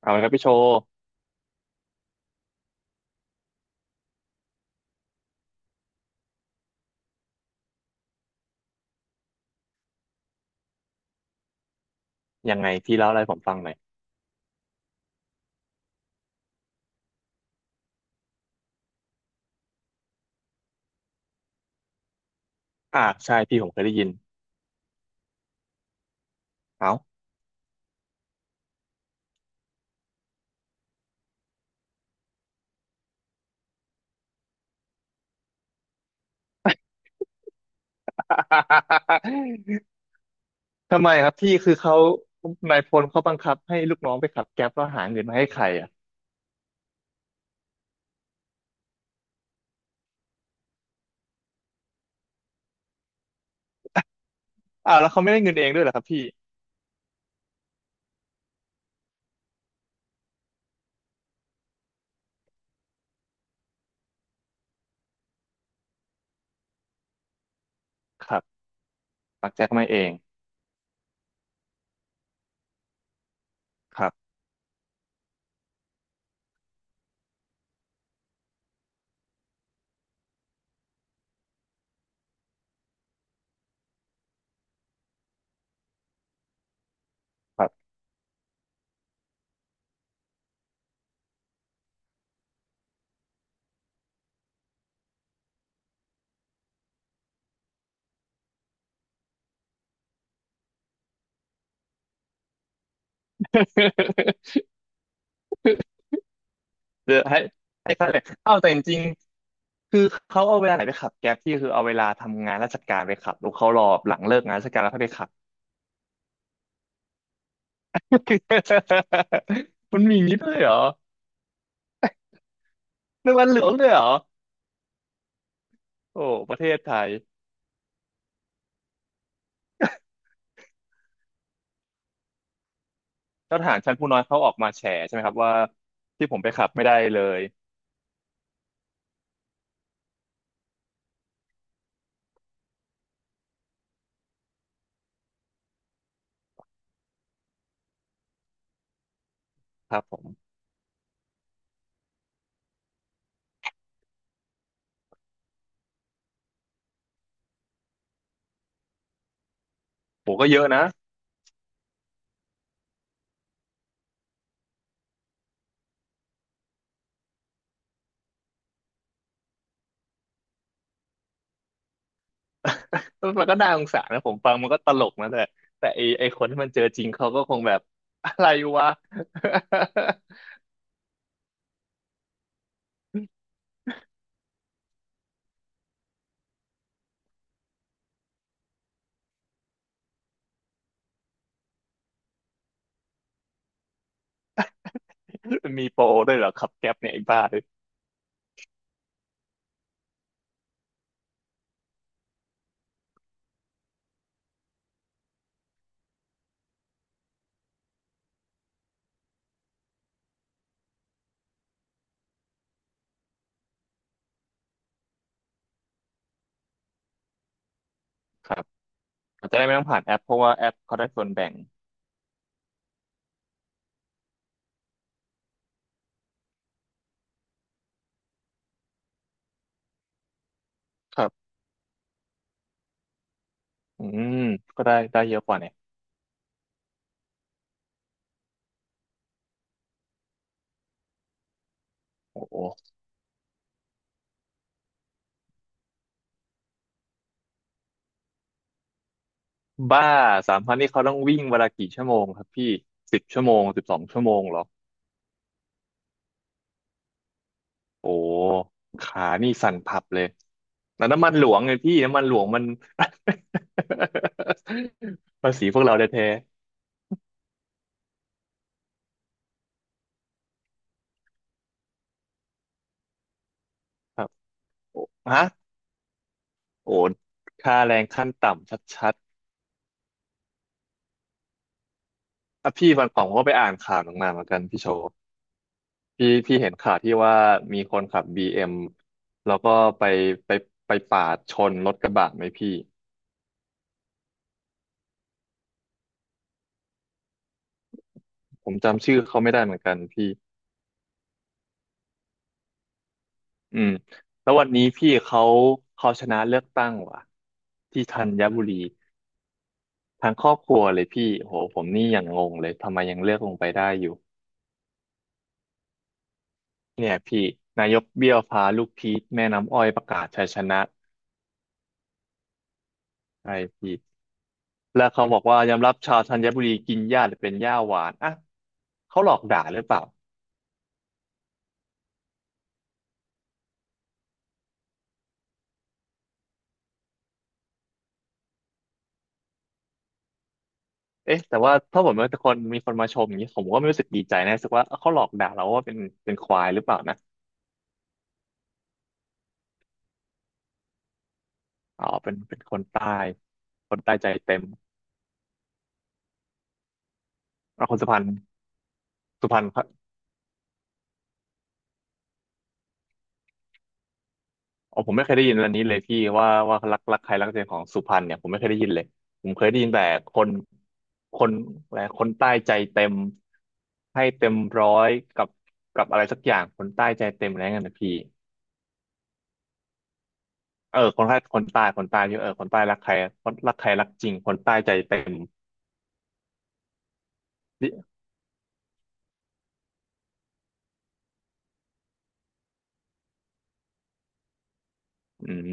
เอาละครับพี่โชว์ยังไงพี่เล่าอะไรให้ผมฟังหน่อยใช่พี่ผมเคยได้ยินเอา ทำไมครับพี่คือเขานายพลเขาบังคับให้ลูกน้องไปขับแก๊ปแล้วหาเงินมาให้ใครอ่ะอ้าวแล้วเขาไม่ได้เงินเองด้วยเหรอครับพี่ครับปักแจ็คมาเองครับครับ เดี๋ยวให้ให้เขาเลยเอ้าแต่จริงๆคือเขาเอาเวลาไหนไปขับแก๊ปพี่คือเอาเวลาทำงานราชการไปขับหรือเขารอหลังเลิกงานราชการแล้วเขาไปขับ มันมีอย่างนี้ด้วยเหรอเรื่องวันเหลืองด้วยเหรอ โอ้ประเทศไทยแล้วทหารชั้นผู้น้อยเขาออกมาแฉใช่ไหมครับว่าที่ผมไปขับไม่ได้เลยครับผมผมก็เยอะนะ มันก็น่าสงสารนะผมฟังมันก็ตลกนะแต่แต่ไอคนที่มันเจอจริงเขาก็คงแบบ อะไรวะ มีโปรด้วยเหรอขับแก๊ปเนี่ยไอ้บ้าด้วยครับอาจจะได้ไม่ต้องผ่านแอปเพราะว่าแอปเขาได้ส่วนแบ่งครับอืมก็ได้ได้เยอะกว่าเนี่ยโอ้โหบ้าสามพันนี่เขาต้องวิ่งเวลากี่ชั่วโมงครับพี่สิบชั่วโมงสิบสองชั่วโมงเหรอ โอ้ขานี่สั่นพับเลยแล้วน้ำมันหลวงไงพี่น้ำมันหลวงมัน ภาษีพวกเราแท้ๆครับโอ้ฮะโอ้ค่าแรงขั้นต่ำชัดๆอ่ะพี่วันก่อนผมก็ไปอ่านข่าวหนึ่งมาเหมือนกันพี่โชว์พี่เห็นข่าวที่ว่ามีคนขับบีเอ็มแล้วก็ไปไปไปปาดชนรถกระบะไหมพี่ผมจำชื่อเขาไม่ได้เหมือนกันพี่อืมแล้ววันนี้พี่เขาชนะเลือกตั้งว่ะที่ธัญบุรี ทางครอบครัวเลยพี่โหผมนี่ยังงงเลยทำไมยังเลือกลงไปได้อยู่เนี่ยพี่นายกเบี้ยวพาลูกพีชแม่น้ำอ้อยประกาศชัยชนะไอ้พี่แล้วเขาบอกว่ายอมรับชาวธัญบุรีกินหญ้าหรือเป็นหญ้าหวานอ่ะเขาหลอกด่าหรือเปล่าเอ๊ะแต่ว่าถ้าผมเป็นคนมีคนมาชมอย่างนี้ผมก็ไม่รู้สึกดีใจนะรู้สึกว่าเอ้าเขาหลอกด่าเราว่าเป็นเป็นควายหรือเปล่านะอ๋อเป็นเป็นคนใต้คนใต้ใจเต็มเอาคนสุพรรณสุพรรณ อ๋อผมไม่เคยได้ยินอันนี้เลยพี่ว่าว่ารักใครรักเส้าของสุพรรณเนี่ยผมไม่เคยได้ยินเลยผมเคยได้ยินแต่คนคนอะไรคนใต้ใจเต็มให้เต็มร้อยกับกับอะไรสักอย่างคนใต้ใจเต็มอะไรเงี้ยนะพี่เออคนใต้เยี่เออคนใต้รักใครคนรักใครรักจริงคนใต้ใจเต็มนี่อืม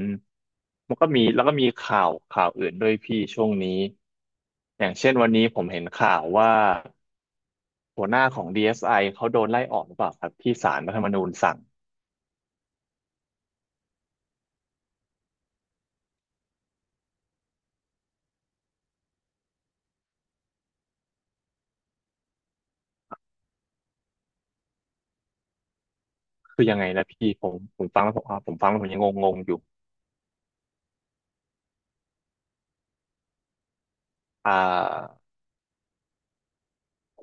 มันก็มีแล้วก็มีข่าวอื่นด้วยพี่ช่วงนี้อย่างเช่นวันนี้ผมเห็นข่าวว่าหัวหน้าของ DSI เอสไอเขาโดนไล่ออกหรือเปล่าครับที่ศาลรัฐธรรมนูญสั่งคือยังไงนะพี่ผมฟังแล้วผมผมฟังแล้วผมยังงงๆอยู่อ่า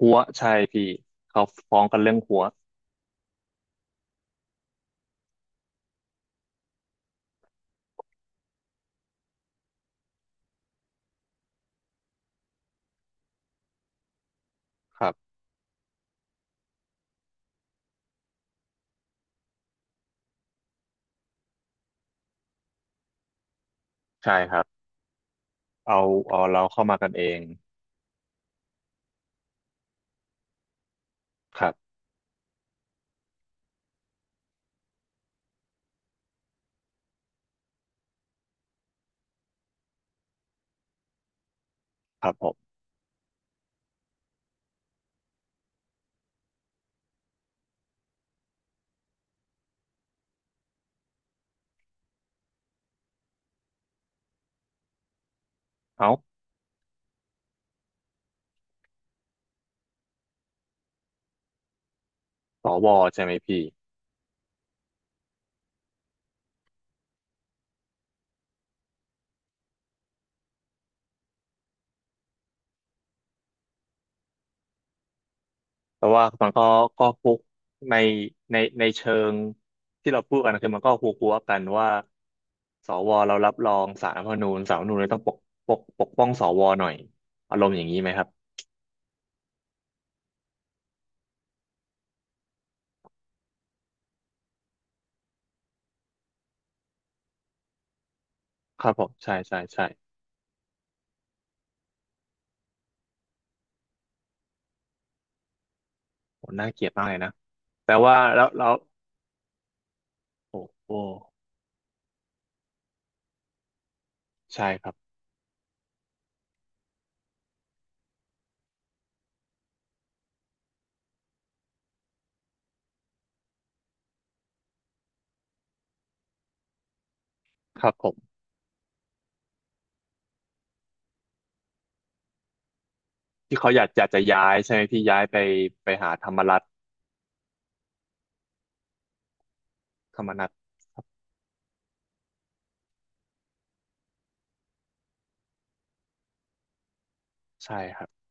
หัวใช่พี่เขาฟ้องกันเรื่องหัวครับใช่ครับเอาเอาเราเข้ามากันเองครับครับผมเอาสวใช่ไหมพี่ แต่ว่ามันก็ก็ฟุกในในเชิงที่เราพูดกันคือมันก็หัวหัวกันว่าสวเรารับรองศาลรัฐธรรมนูญศาลรัฐธรรมนูญเลยต้องปกปกป้องสวหน่อยอารมณ์อย่างนี้ไหมครับครับผมใช่ใช่ใช่โหน่าเกลียดมากเลยนะแต่ว่าแล้วโอ้โหใช่ครับครับผมที่เขาอยากจะย้ายใช่ไหมพี่ย้ายไปไปหาธรรมรัฐธรรมนัฐใช่ครับ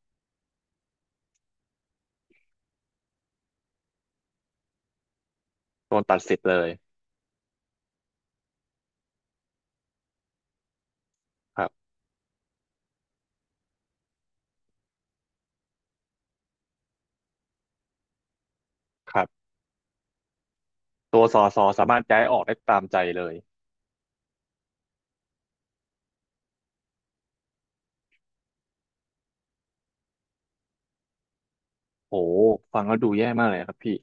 โดนตัดสิทธิ์เลยครับครับตัวสอสอสามารถย้ายออกได้ตามใจเลย โหฟังแล้วดูแย่มากเลยครับพี่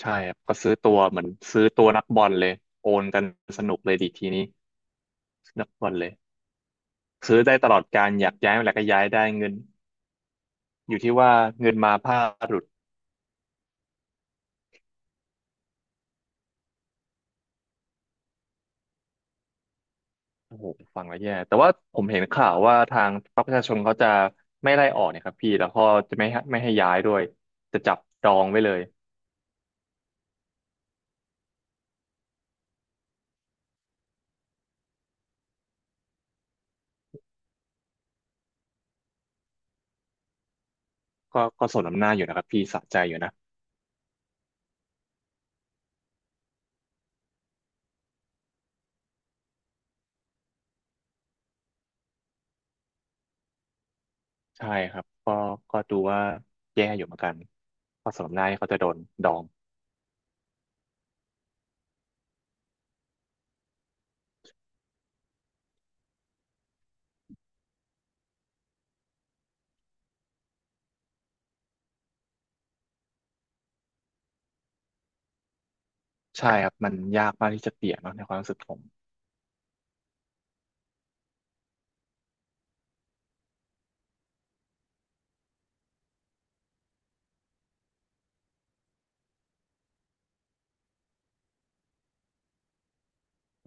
ใช่ครับก็ซื้อตัวเหมือนซื้อตัวนักบอลเลยโอนกันสนุกเลยดีทีนี้ซื้อนักบอลเลยซื้อได้ตลอดการอยากย้ายเมื่อไหร่ก็ย้ายได้เงินอยู่ที่ว่าเงินมาผ้าหลุดโอ้โหฟังแล้วแย่แต่ว่าผมเห็นข่าวว่าทางพรรคประชาชนเขาจะไม่ไล่ออกเนี่ยครับพี่แล้วก็จะไม่ให้ย้ายด้วยจะจับดองไว้เลยก็สมน้ำหน้าอยู่นะครับพี่สะใจอยู่นะใช่ครับก็ดูว่าแย่อยู่เหมือนกันก็สมน้ำหน้าที่เขาจะโดนดอง ใช่ครับมันยากมากที่จะเปลี่ยนเนอะในความรู้สึกผม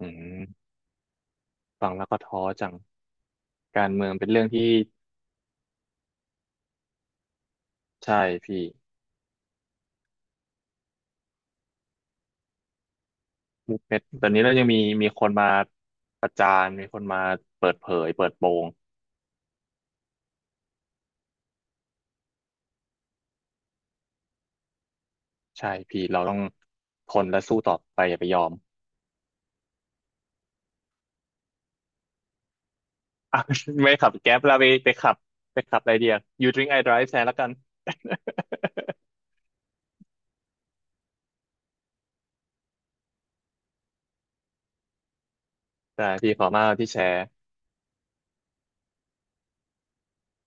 อืมฟังแล้วก็ท้อจังการเมืองเป็นเรื่องที่ใช่พี่มุกเม็ดตอนนี้เรายังมีมีคนมาประจานมีคนมาเปิดเผยเปิดโปงใช่พี่เราต้องทนและสู้ต่อไปอย่าไปยอม อ่ะไม่ขับแก๊ปแล้วไปไปขับไปขับอะไรเดียว You drink I drive แทนแล้วกัน ได้พี่ขอบคุณมากที่แชร์